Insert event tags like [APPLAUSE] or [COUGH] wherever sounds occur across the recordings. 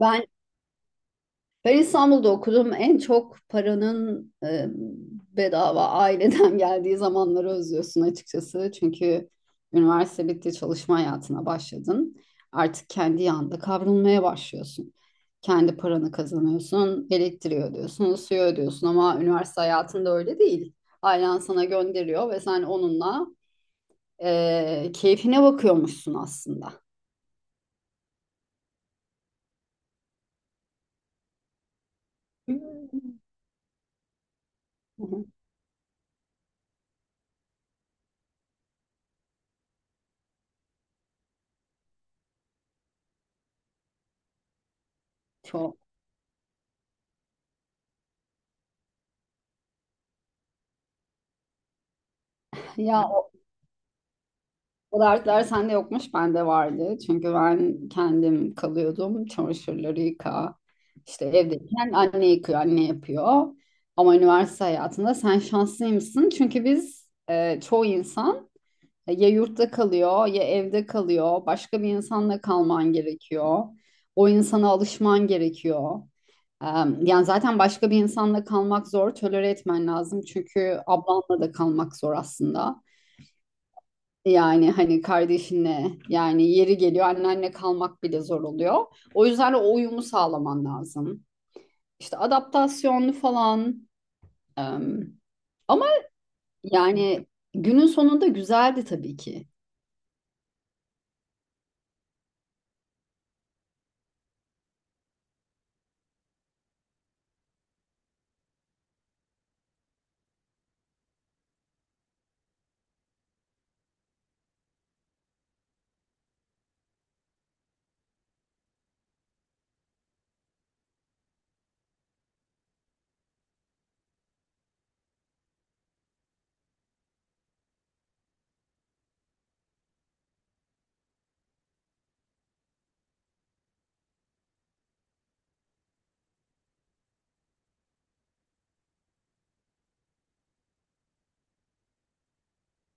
Ben ben İstanbul'da okudum. En çok paranın bedava aileden [LAUGHS] geldiği zamanları özlüyorsun açıkçası. Çünkü üniversite bitti, çalışma hayatına başladın. Artık kendi yanında kavrulmaya başlıyorsun. Kendi paranı kazanıyorsun, elektriği ödüyorsun, suyu ödüyorsun ama üniversite hayatında öyle değil. Ailen sana gönderiyor ve sen onunla keyfine bakıyormuşsun aslında. Hı hı. Çok. Ya, o dertler sende yokmuş, bende vardı. Çünkü ben kendim kalıyordum. Çamaşırları yıka. İşte evdeyken anne yıkıyor, anne yapıyor. Ama üniversite hayatında sen şanslıymışsın. Çünkü biz çoğu insan ya yurtta kalıyor ya evde kalıyor. Başka bir insanla kalman gerekiyor. O insana alışman gerekiyor. E, yani zaten başka bir insanla kalmak zor. Tolere etmen lazım. Çünkü ablanla da kalmak zor aslında. Yani hani kardeşinle yani yeri geliyor annenle kalmak bile zor oluyor. O yüzden o uyumu sağlaman lazım. İşte adaptasyonlu falan. em, ama yani günün sonunda güzeldi tabii ki.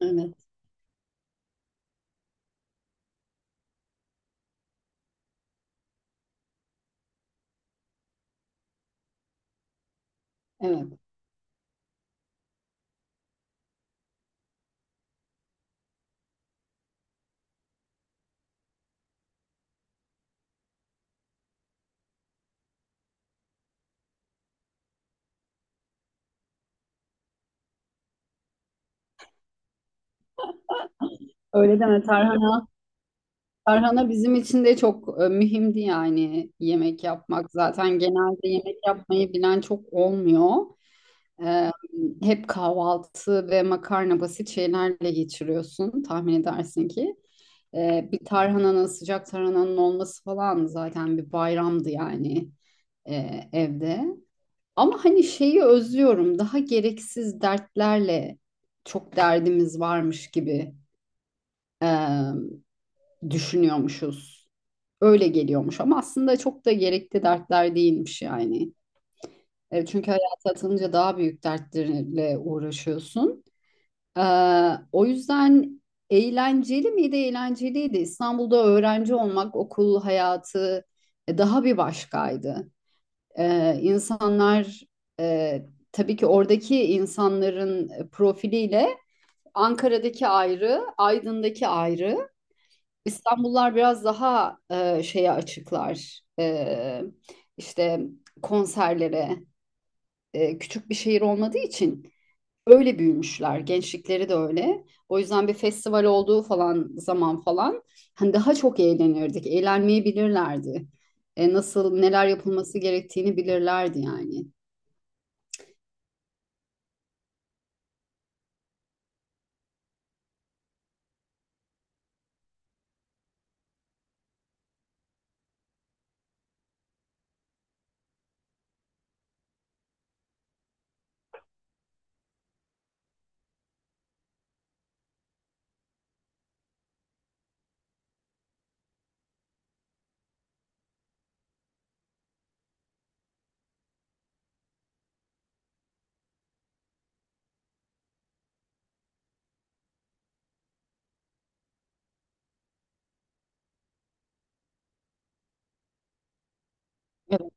Evet, evet. Öyle deme Tarhana. Tarhana bizim için de çok mühimdi yani yemek yapmak. Zaten genelde yemek yapmayı bilen çok olmuyor. Em, hep kahvaltı ve makarna basit şeylerle geçiriyorsun tahmin edersin ki. Bir tarhananın, sıcak tarhananın olması falan zaten bir bayramdı yani evde. Ama hani şeyi özlüyorum, daha gereksiz dertlerle çok derdimiz varmış gibi e, düşünüyormuşuz. Öyle geliyormuş ama aslında çok da gerekli dertler değilmiş yani. Çünkü hayata atılınca daha büyük dertlerle uğraşıyorsun. Ee, o yüzden eğlenceli miydi? Eğlenceliydi. İstanbul'da öğrenci olmak, okul hayatı daha bir başkaydı. İnsanlar e, tabii ki oradaki insanların profiliyle Ankara'daki ayrı, Aydın'daki ayrı. İstanbullular biraz daha şeye açıklar. İşte konserlere, küçük bir şehir olmadığı için öyle büyümüşler. Gençlikleri de öyle. O yüzden bir festival olduğu falan zaman falan hani daha çok eğlenirdik. Eğlenmeyi bilirlerdi. Nasıl neler yapılması gerektiğini bilirlerdi yani. Evet.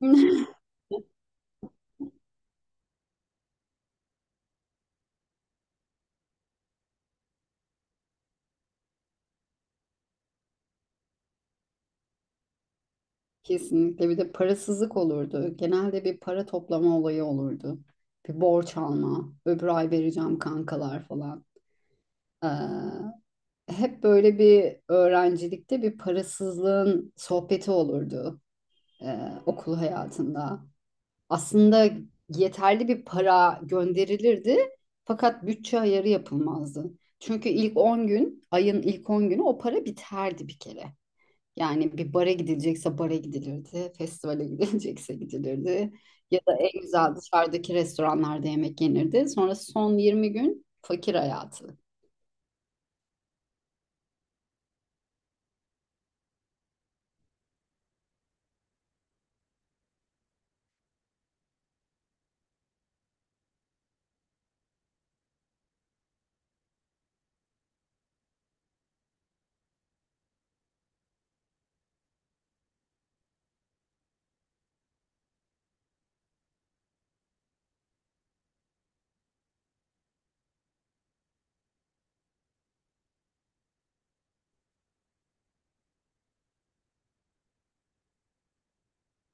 [LAUGHS] Kesinlikle bir de parasızlık olurdu. Genelde bir para toplama olayı olurdu. Bir borç alma, öbür ay vereceğim kankalar falan. Ee, hep böyle bir öğrencilikte bir parasızlığın sohbeti olurdu e, okul hayatında. Aslında yeterli bir para gönderilirdi fakat bütçe ayarı yapılmazdı. Çünkü ilk 10 gün, ayın ilk 10 günü o para biterdi bir kere. Yani bir bara gidilecekse bara gidilirdi, festivale [LAUGHS] gidilecekse gidilirdi ya da en güzel dışarıdaki restoranlarda yemek yenirdi. Sonra son 20 gün fakir hayatı.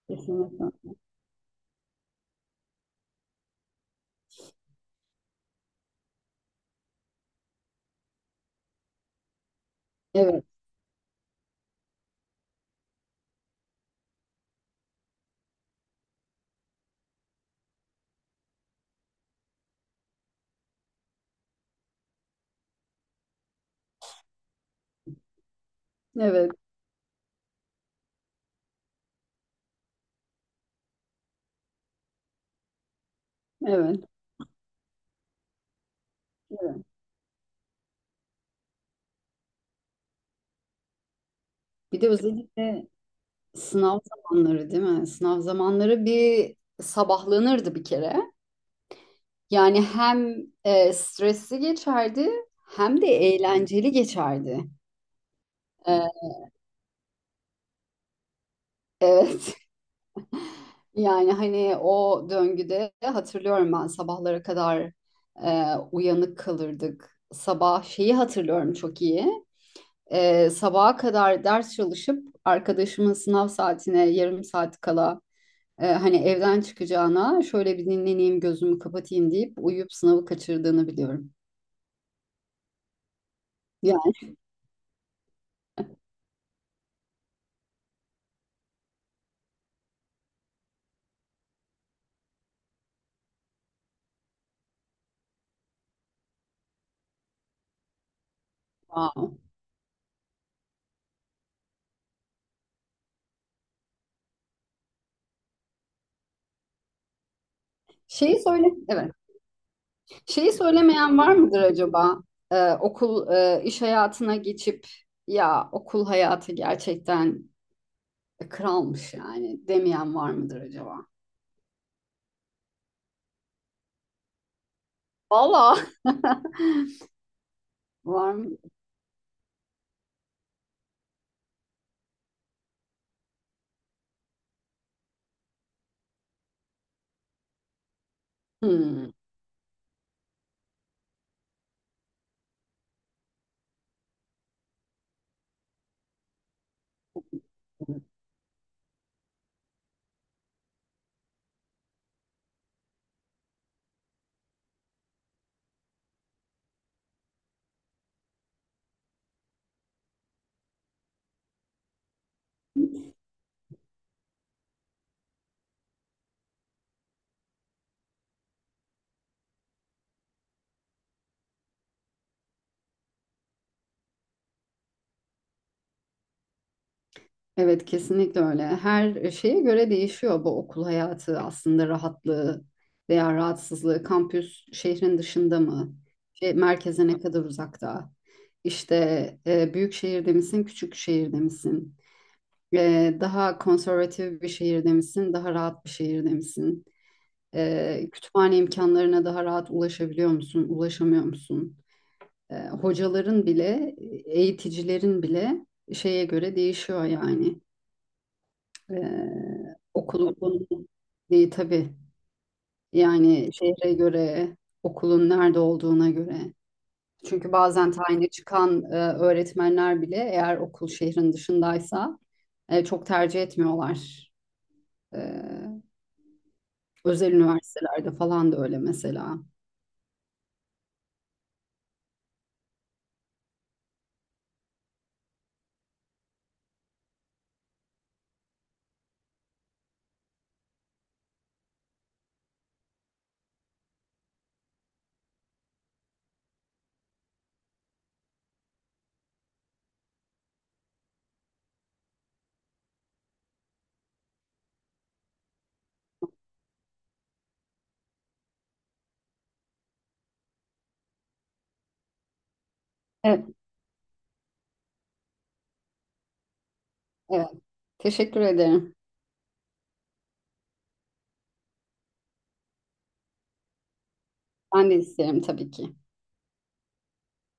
Kesinlikle. Evet, evet, evet, evet. Bir de özellikle sınav zamanları değil mi? Sınav zamanları bir sabahlanırdı bir kere. Yani hem stresli geçerdi hem de eğlenceli geçerdi. E, evet. [LAUGHS] Yani hani o döngüde hatırlıyorum ben sabahlara kadar uyanık kalırdık. Sabah şeyi hatırlıyorum çok iyi. Sabaha kadar ders çalışıp arkadaşımın sınav saatine yarım saat kala hani evden çıkacağına şöyle bir dinleneyim gözümü kapatayım deyip uyuyup sınavı kaçırdığını biliyorum. Yani wow. Şeyi söyle, evet. Şeyi söylemeyen var mıdır acaba? Okul iş hayatına geçip ya okul hayatı gerçekten kralmış yani demeyen var mıdır acaba? Valla [LAUGHS] var mı? Hmm. Evet kesinlikle öyle. Her şeye göre değişiyor bu okul hayatı aslında rahatlığı veya rahatsızlığı. Kampüs şehrin dışında mı? Şey, merkeze ne kadar uzakta? İşte büyük şehirde misin, küçük şehirde misin? Daha konservatif bir şehirde misin, daha rahat bir şehirde misin? Kütüphane imkanlarına daha rahat ulaşabiliyor musun, ulaşamıyor musun? Hocaların bile, eğiticilerin bile şeye göre değişiyor yani. Okulun konumu tabii yani şehre göre, okulun nerede olduğuna göre. Çünkü bazen tayini çıkan öğretmenler bile eğer okul şehrin dışındaysa çok tercih etmiyorlar. Ee, özel üniversitelerde falan da öyle mesela. Evet, evet. Teşekkür ederim. Ben de isterim tabii ki.